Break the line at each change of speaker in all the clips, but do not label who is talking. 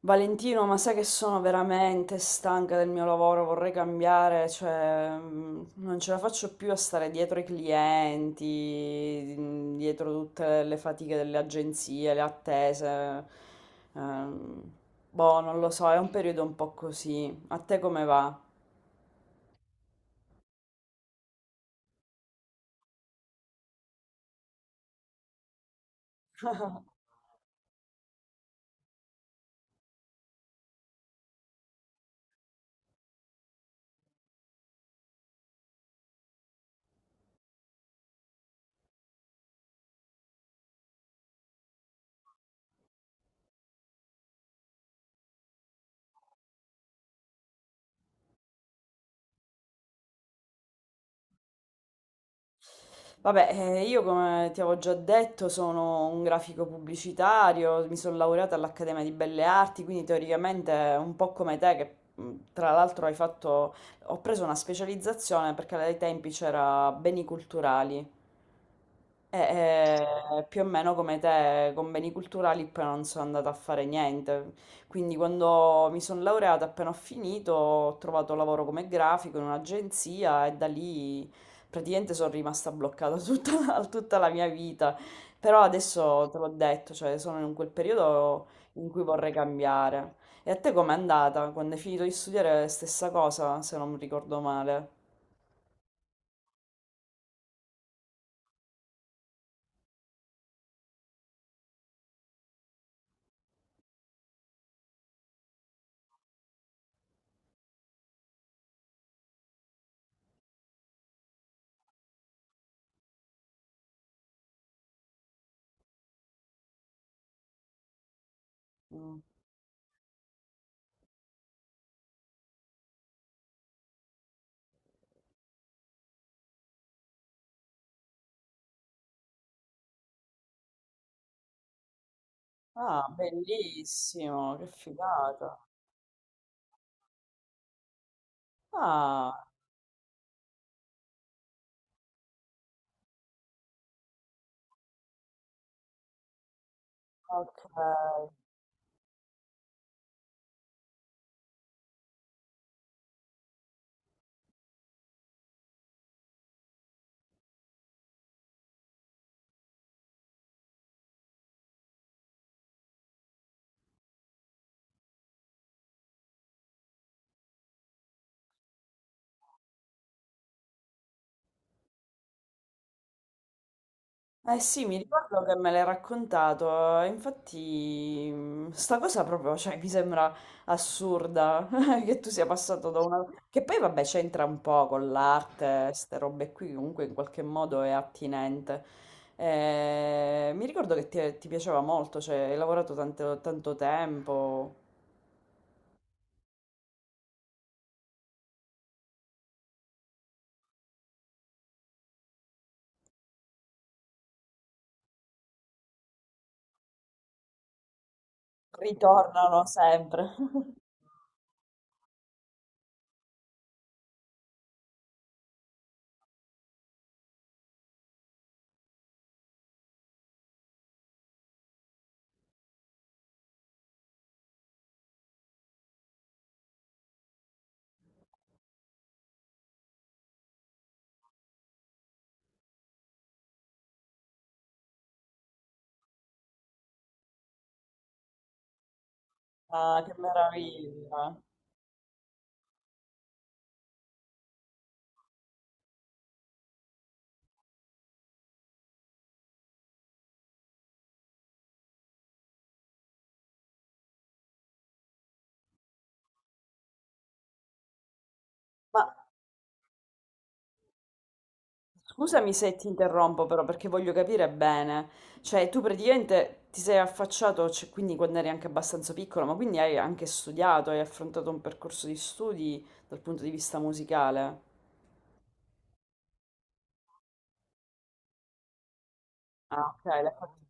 Valentino, ma sai che sono veramente stanca del mio lavoro, vorrei cambiare, cioè non ce la faccio più a stare dietro i clienti, dietro tutte le fatiche delle agenzie, le attese. Ehm, Boh, non lo so, è un periodo un po' così. A te come va? Vabbè, io come ti avevo già detto sono un grafico pubblicitario, mi sono laureata all'Accademia di Belle Arti, quindi teoricamente un po' come te, che tra l'altro hai fatto, ho preso una specializzazione perché ai tempi c'era beni culturali, e, più o meno come te, con beni culturali poi non sono andata a fare niente. Quindi quando mi sono laureata, appena ho finito, ho trovato lavoro come grafico in un'agenzia e da lì praticamente sono rimasta bloccata tutta, tutta la mia vita. Però adesso te l'ho detto, cioè sono in quel periodo in cui vorrei cambiare. E a te com'è andata? Quando hai finito di studiare, stessa cosa, se non mi ricordo male. Mm. Ah, bellissimo, che figata. Ah, ok. Eh sì, mi ricordo che me l'hai raccontato, infatti sta cosa proprio, cioè, mi sembra assurda che tu sia passato da una... Che poi vabbè c'entra un po' con l'arte, queste robe qui, comunque in qualche modo è attinente. Mi ricordo che ti piaceva molto, cioè hai lavorato tanto, tanto tempo, ritornano sempre. Ah, che meraviglia! Ma Scusami se ti interrompo però perché voglio capire bene, cioè tu praticamente ti sei affacciato, cioè, quindi quando eri anche abbastanza piccolo, ma quindi hai anche studiato, hai affrontato un percorso di studi dal punto di vista musicale. Ah, ok, l'hai fatto.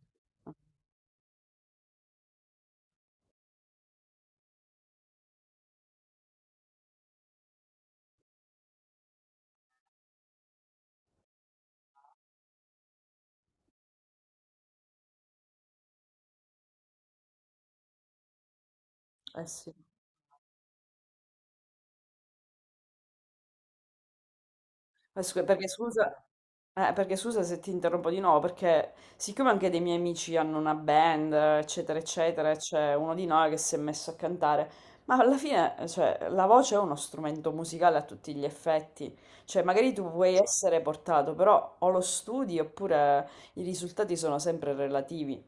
Eh sì. Perché scusa, perché scusa se ti interrompo di nuovo, perché siccome anche dei miei amici hanno una band, eccetera, eccetera, e c'è uno di noi che si è messo a cantare, ma alla fine, cioè, la voce è uno strumento musicale a tutti gli effetti, cioè magari tu puoi Certo. essere portato, però o lo studi oppure i risultati sono sempre relativi.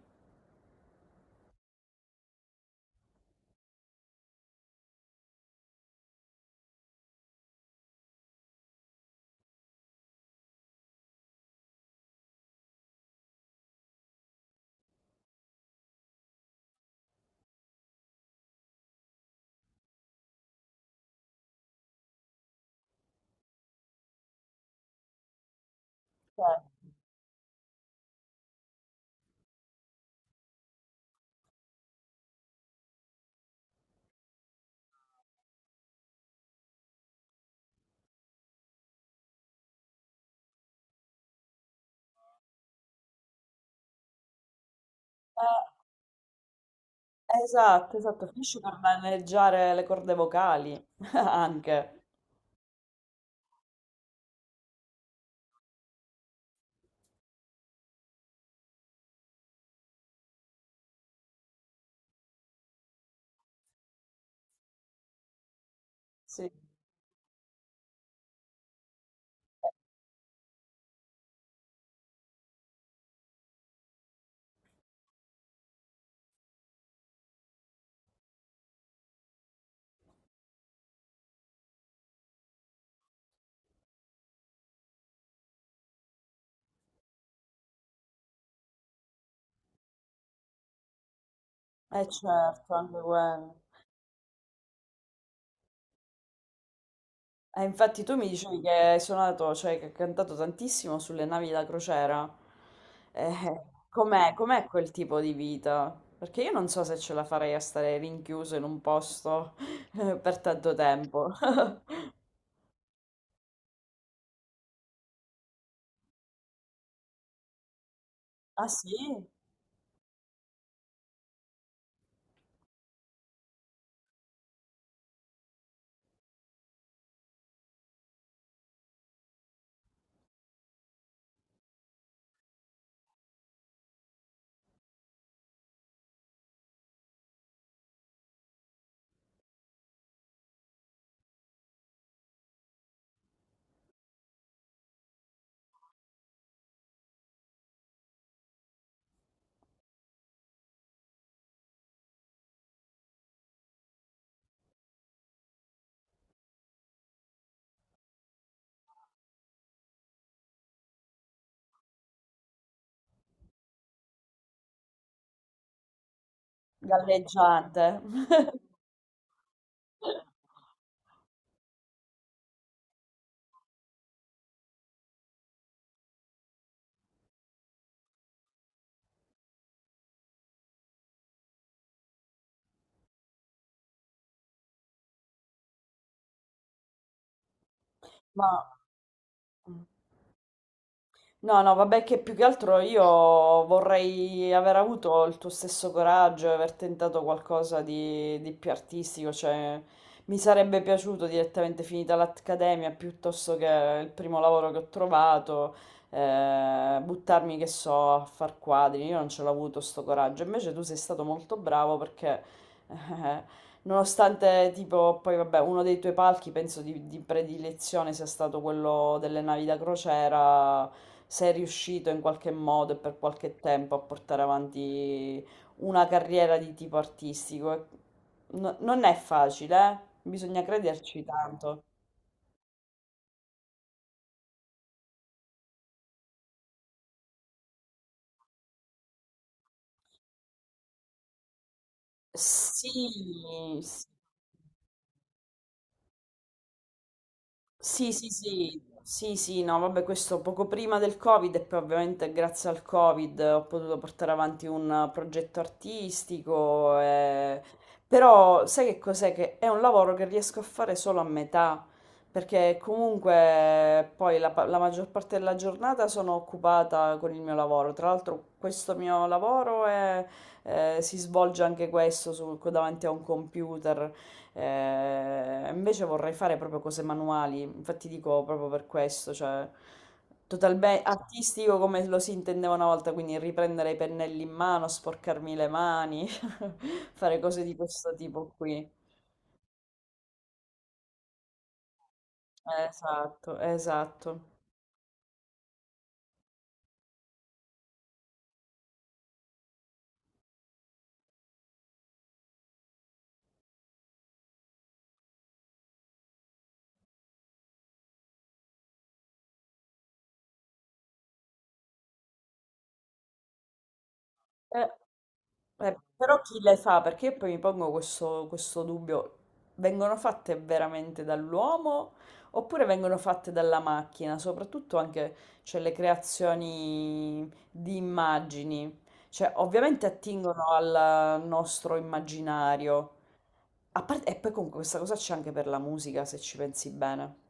Cioè, esatto, esatto, finisci per maneggiare le corde vocali, anche, sì, eh certo, anche quello. Infatti tu mi dicevi che hai suonato, cioè che hai cantato tantissimo sulle navi da crociera. Eh, com'è quel tipo di vita? Perché io non so se ce la farei a stare rinchiuso in un posto per tanto tempo. Ah sì? Galleggiante. Ma... No, no, vabbè che più che altro io vorrei aver avuto il tuo stesso coraggio e aver tentato qualcosa di più artistico, cioè mi sarebbe piaciuto direttamente finita l'accademia piuttosto che il primo lavoro che ho trovato, buttarmi, che so, a far quadri, io non ce l'ho avuto sto coraggio, invece tu sei stato molto bravo perché nonostante, tipo, poi vabbè, uno dei tuoi palchi penso di predilezione sia stato quello delle navi da crociera, sei riuscito in qualche modo e per qualche tempo a portare avanti una carriera di tipo artistico. E non è facile, eh? Bisogna crederci tanto. Sì, sì. Sì, sì, sì, sì, sì, no, vabbè, questo poco prima del Covid e poi ovviamente grazie al Covid ho potuto portare avanti un progetto artistico, però sai che cos'è? Che è un lavoro che riesco a fare solo a metà, perché comunque poi la maggior parte della giornata sono occupata con il mio lavoro, tra l'altro questo mio lavoro è- si svolge anche questo davanti a un computer. Invece vorrei fare proprio cose manuali, infatti dico proprio per questo, cioè totalmente artistico come lo si intendeva una volta, quindi riprendere i pennelli in mano, sporcarmi le mani, fare cose di questo tipo qui. Esatto, esatto. Eh, però chi le fa? Perché io poi mi pongo questo dubbio. Vengono fatte veramente dall'uomo oppure vengono fatte dalla macchina? Soprattutto anche, cioè, le creazioni di immagini. Cioè, ovviamente attingono al nostro immaginario. A parte- e poi comunque questa cosa c'è anche per la musica, se ci pensi bene.